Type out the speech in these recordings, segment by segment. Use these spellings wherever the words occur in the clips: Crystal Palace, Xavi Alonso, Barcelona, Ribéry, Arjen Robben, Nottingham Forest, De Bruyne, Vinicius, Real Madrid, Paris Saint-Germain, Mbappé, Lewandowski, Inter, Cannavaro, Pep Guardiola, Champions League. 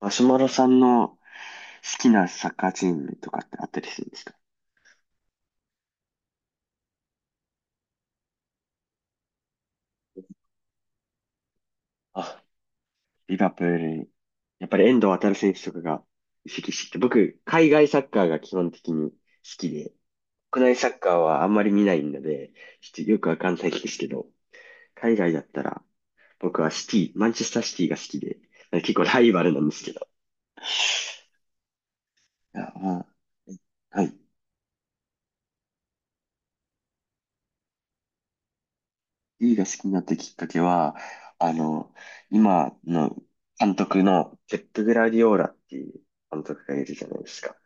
マシュマロさんの好きなサッカーチームとかってあったりするんですか？あ、リバプールに。やっぱり遠藤航選手とかが移籍してきて、僕、海外サッカーが基本的に好きで、国内サッカーはあんまり見ないので、ちょっとよくわかんないですけど、海外だったら、僕はシティ、マンチェスターシティが好きで、結構ライバルなんですけど。いや、まあ、はい。 D が好きになったきっかけは、あの、今の監督のペップ・グラディオーラっていう監督がいるじゃないですか。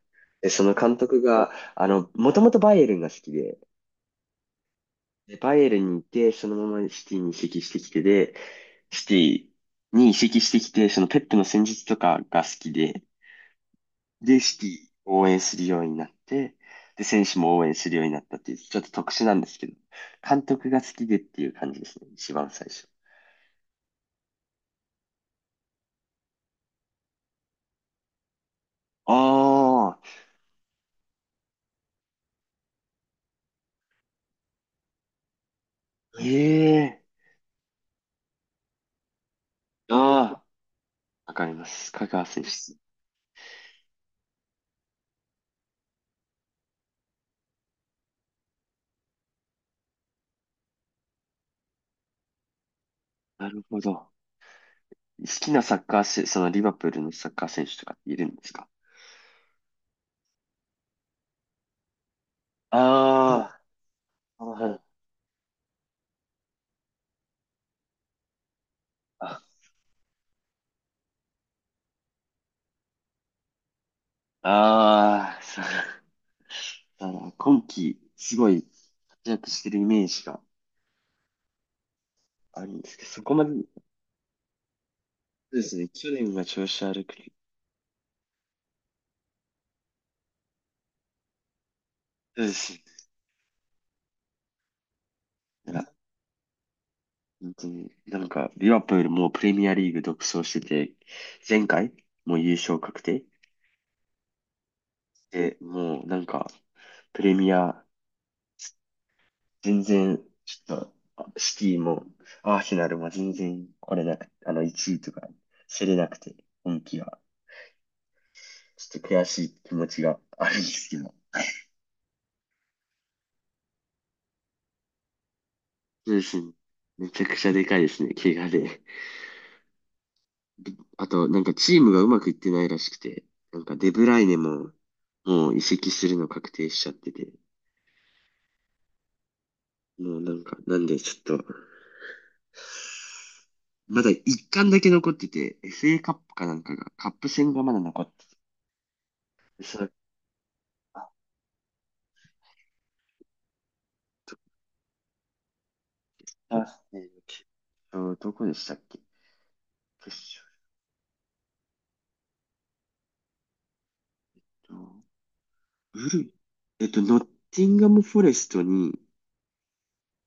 で、その監督が、もともとバイエルンが好きで、で、バイエルンにいて、そのままシティに移籍してきてで、シティに移籍してきて、そのペップの戦術とかが好きで、で、シティを応援するようになって、で、選手も応援するようになったっていう、ちょっと特殊なんですけど、監督が好きでっていう感じですね、一番最初。ああ、ええ。ああ、わかります。香川選手。なるほど。好きなサッカー選そのリバプールのサッカー選手とかいるんですか？ああ、なるほど。ああー、そう。だから今季、すごい活躍してるイメージがあるんですけど、そこまで、そうですね、去年が調子悪くて、そうですね。いや、本当に、なんか、リバプールもうプレミアリーグ独走してて、前回、もう優勝確定で、もうなんか、プレミア全然、ちょっと、シティも、アーセナルも全然来れなく、1位とか、競れなくて、今季は。ちょっと悔しい気持ちがあるんですけど。そうですね。めちゃくちゃでかいですね、怪我で。あと、なんかチームがうまくいってないらしくて、なんかデブライネも、もう移籍するの確定しちゃってて、もうなんか、なんでちょっと、まだ一巻だけ残ってて、FA カップかなんかが、カップ戦がまだ残ってて、それ決勝、どこでしたっけ決勝と、ブルー、えっと、ノッティンガム・フォレストに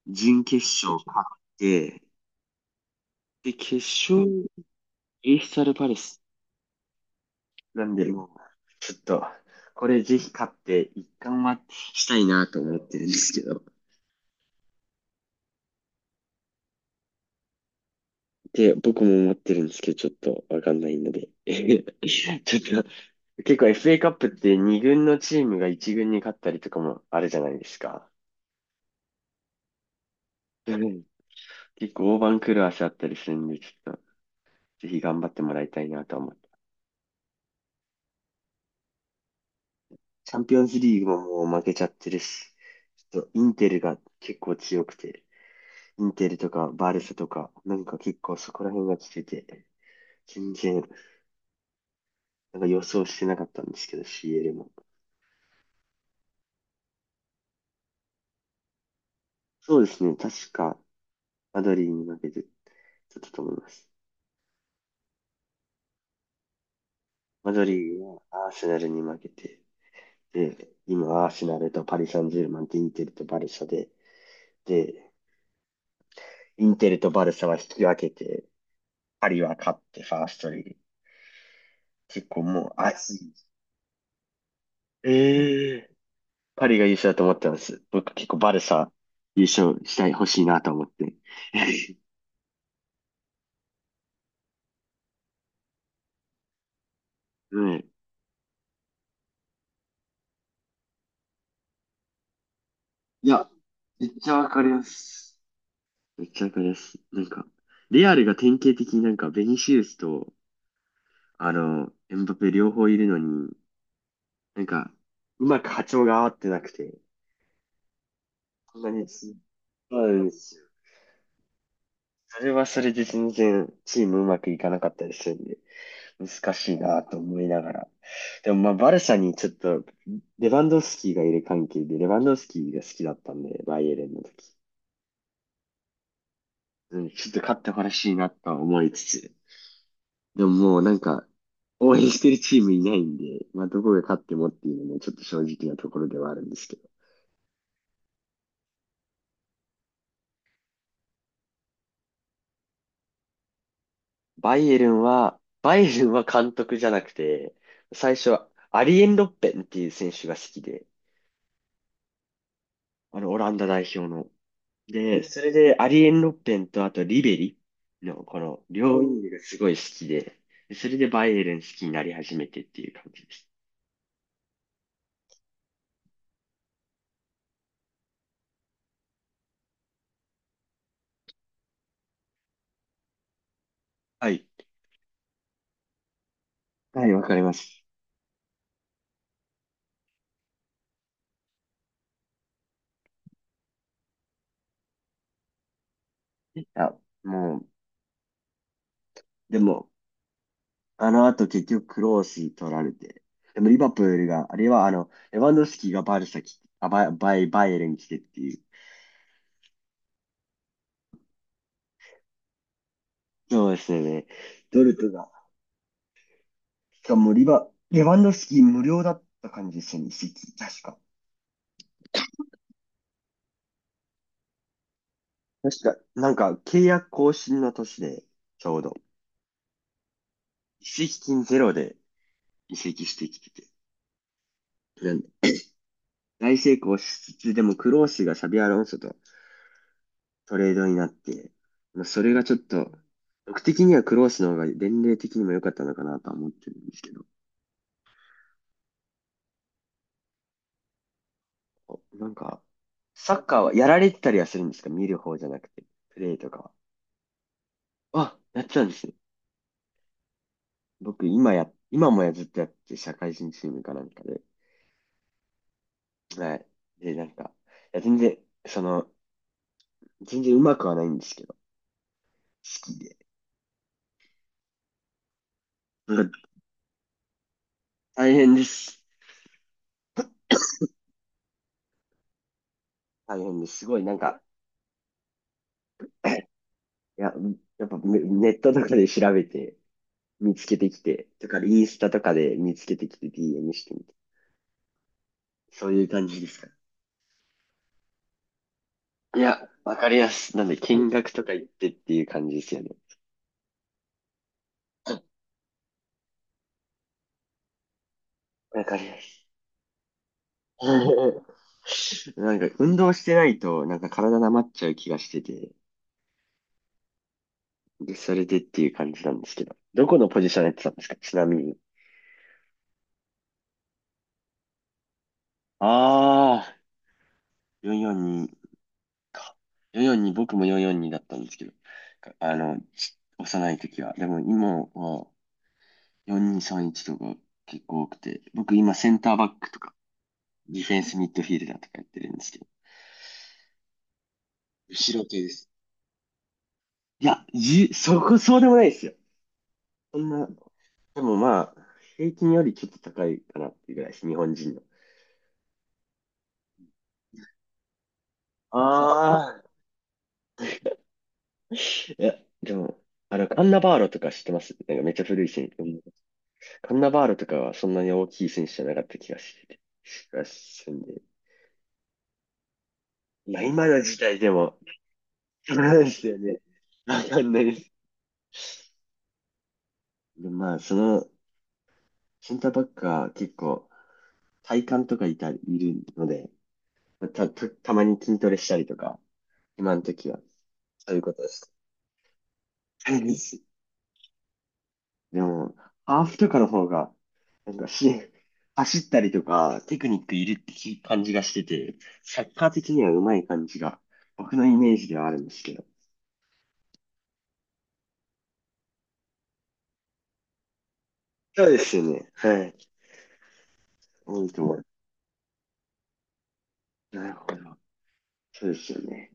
準決勝勝って、で、決勝、エスタル・パレスなんで、もう、ちょっと、これぜひ勝って、一冠はしたいなと思ってるんですけど、で、僕も思ってるんですけど、ちょっとわかんないので、ちょっと、結構 FA カップって2軍のチームが1軍に勝ったりとかもあるじゃないですか。結構大番狂わせあったりするんで、ちょっと、ぜひ頑張ってもらいたいなと思って。チャンピオンズリーグももう負けちゃってるし、ちょっとインテルが結構強くて、インテルとかバルサとか、なんか結構そこら辺が来てて、全然、なんか予想してなかったんですけど、CL も。そうですね、確か、マドリーに負けて、ちょっとと思います。マドリーはアーセナルに負けて、で、今アーセナルとパリ・サンジェルマンとインテルとバルサで、で、インテルとバルサは引き分けて、パリは勝ってファーストリーグ。結構もう、あ、ええ。パリが優勝だと思ってます。僕結構バルサ優勝したい、欲しいなと思って。うん。いや、めっちゃわかります。めっちゃわかります。なんか、レアルが典型的になんかベニシウスと、エムバペ両方いるのに、なんか、うまく波長が合ってなくて、こんなにつ、そうなんですよ。それはそれで全然チームうまくいかなかったりするんで、難しいなと思いながら。でもまあバルサにちょっと、レバンドフスキーがいる関係で、レバンドフスキーが好きだったんで、バイエルンの時。うん、ちょっと勝ってほしいなとは思いつつ、でももうなんか、応援してるチームいないんで、まあどこが勝ってもっていうのもちょっと正直なところではあるんですけど。バイエルンは監督じゃなくて、最初はアリエン・ロッペンっていう選手が好きで、オランダ代表の。で、それで、アリエン・ロッペンと、あと、リベリの、この、両ウィングがすごい好きで、でそれでバイエルン好きになり始めてっていう感じです。はい。はい、わかります。あ、もう、でも、あの後結局クロース取られて、でもリバプールが、あれはレバンドフスキがバルサ来て、あ、バイエルン来てっていう。そうですよね。ドルトが。しかもレバンドフスキ無料だった感じですよね、席確か。確か、なんか、契約更新の年で、ちょうど、移籍金ゼロで移籍してきてて、なんで大成功しつつ、でもクロースがサビアロンソとトレードになって、まあ、それがちょっと、僕的にはクロースの方が年齢的にも良かったのかなとは思ってるんですけど、なんか、サッカーはやられてたりはするんですか？見る方じゃなくて、プレイとかは。あ、やっちゃうんですね。僕、今もずっとやって、社会人チームかなんかで。はい。で、なんか、いや、その、全然うまくはないんですけど、好きで。うん、大変です。大変です。すごい、なんか、いや、やっぱネットとかで調べて、見つけてきて、とか、インスタとかで見つけてきて DM してみて。そういう感じですか？いや、わかりやす。なんで、見学とか行ってっていう感じですよね。わかりやす。なんか、運動してないと、なんか体なまっちゃう気がしてて、で、それでっていう感じなんですけど。どこのポジションやってたんですか？ちなみに。ああ、442。か。442、僕も442だったんですけど、か幼い時は。でも今は4231とか結構多くて、僕今センターバックとか、ディフェンスミッドフィールダーとかやってるんですけど。後ろ手です。いや、そこそうでもないですよ。そんな、でもまあ、平均よりちょっと高いかなっていうぐらいです、日本人の。ああ、いや、でも、アンナバーロとか知ってます？なんかめっちゃ古い選手。カンナバールとかはそんなに大きい選手じゃなかった気がしてて、気がするんで。まあ今の時代でも、そうなんですよね。わかんないです。でまあセンターバックは結構体幹とかいるので、まあたまに筋トレしたりとか、今の時は、そういうことです。はい。でも、ハーフとかの方が、なんかし、走ったりとか、テクニックいるって感じがしてて、サッカー的には上手い感じが、僕のイメージではあるんですけど。そうですよね。はい。多いと思う。なるほど。そうですよね。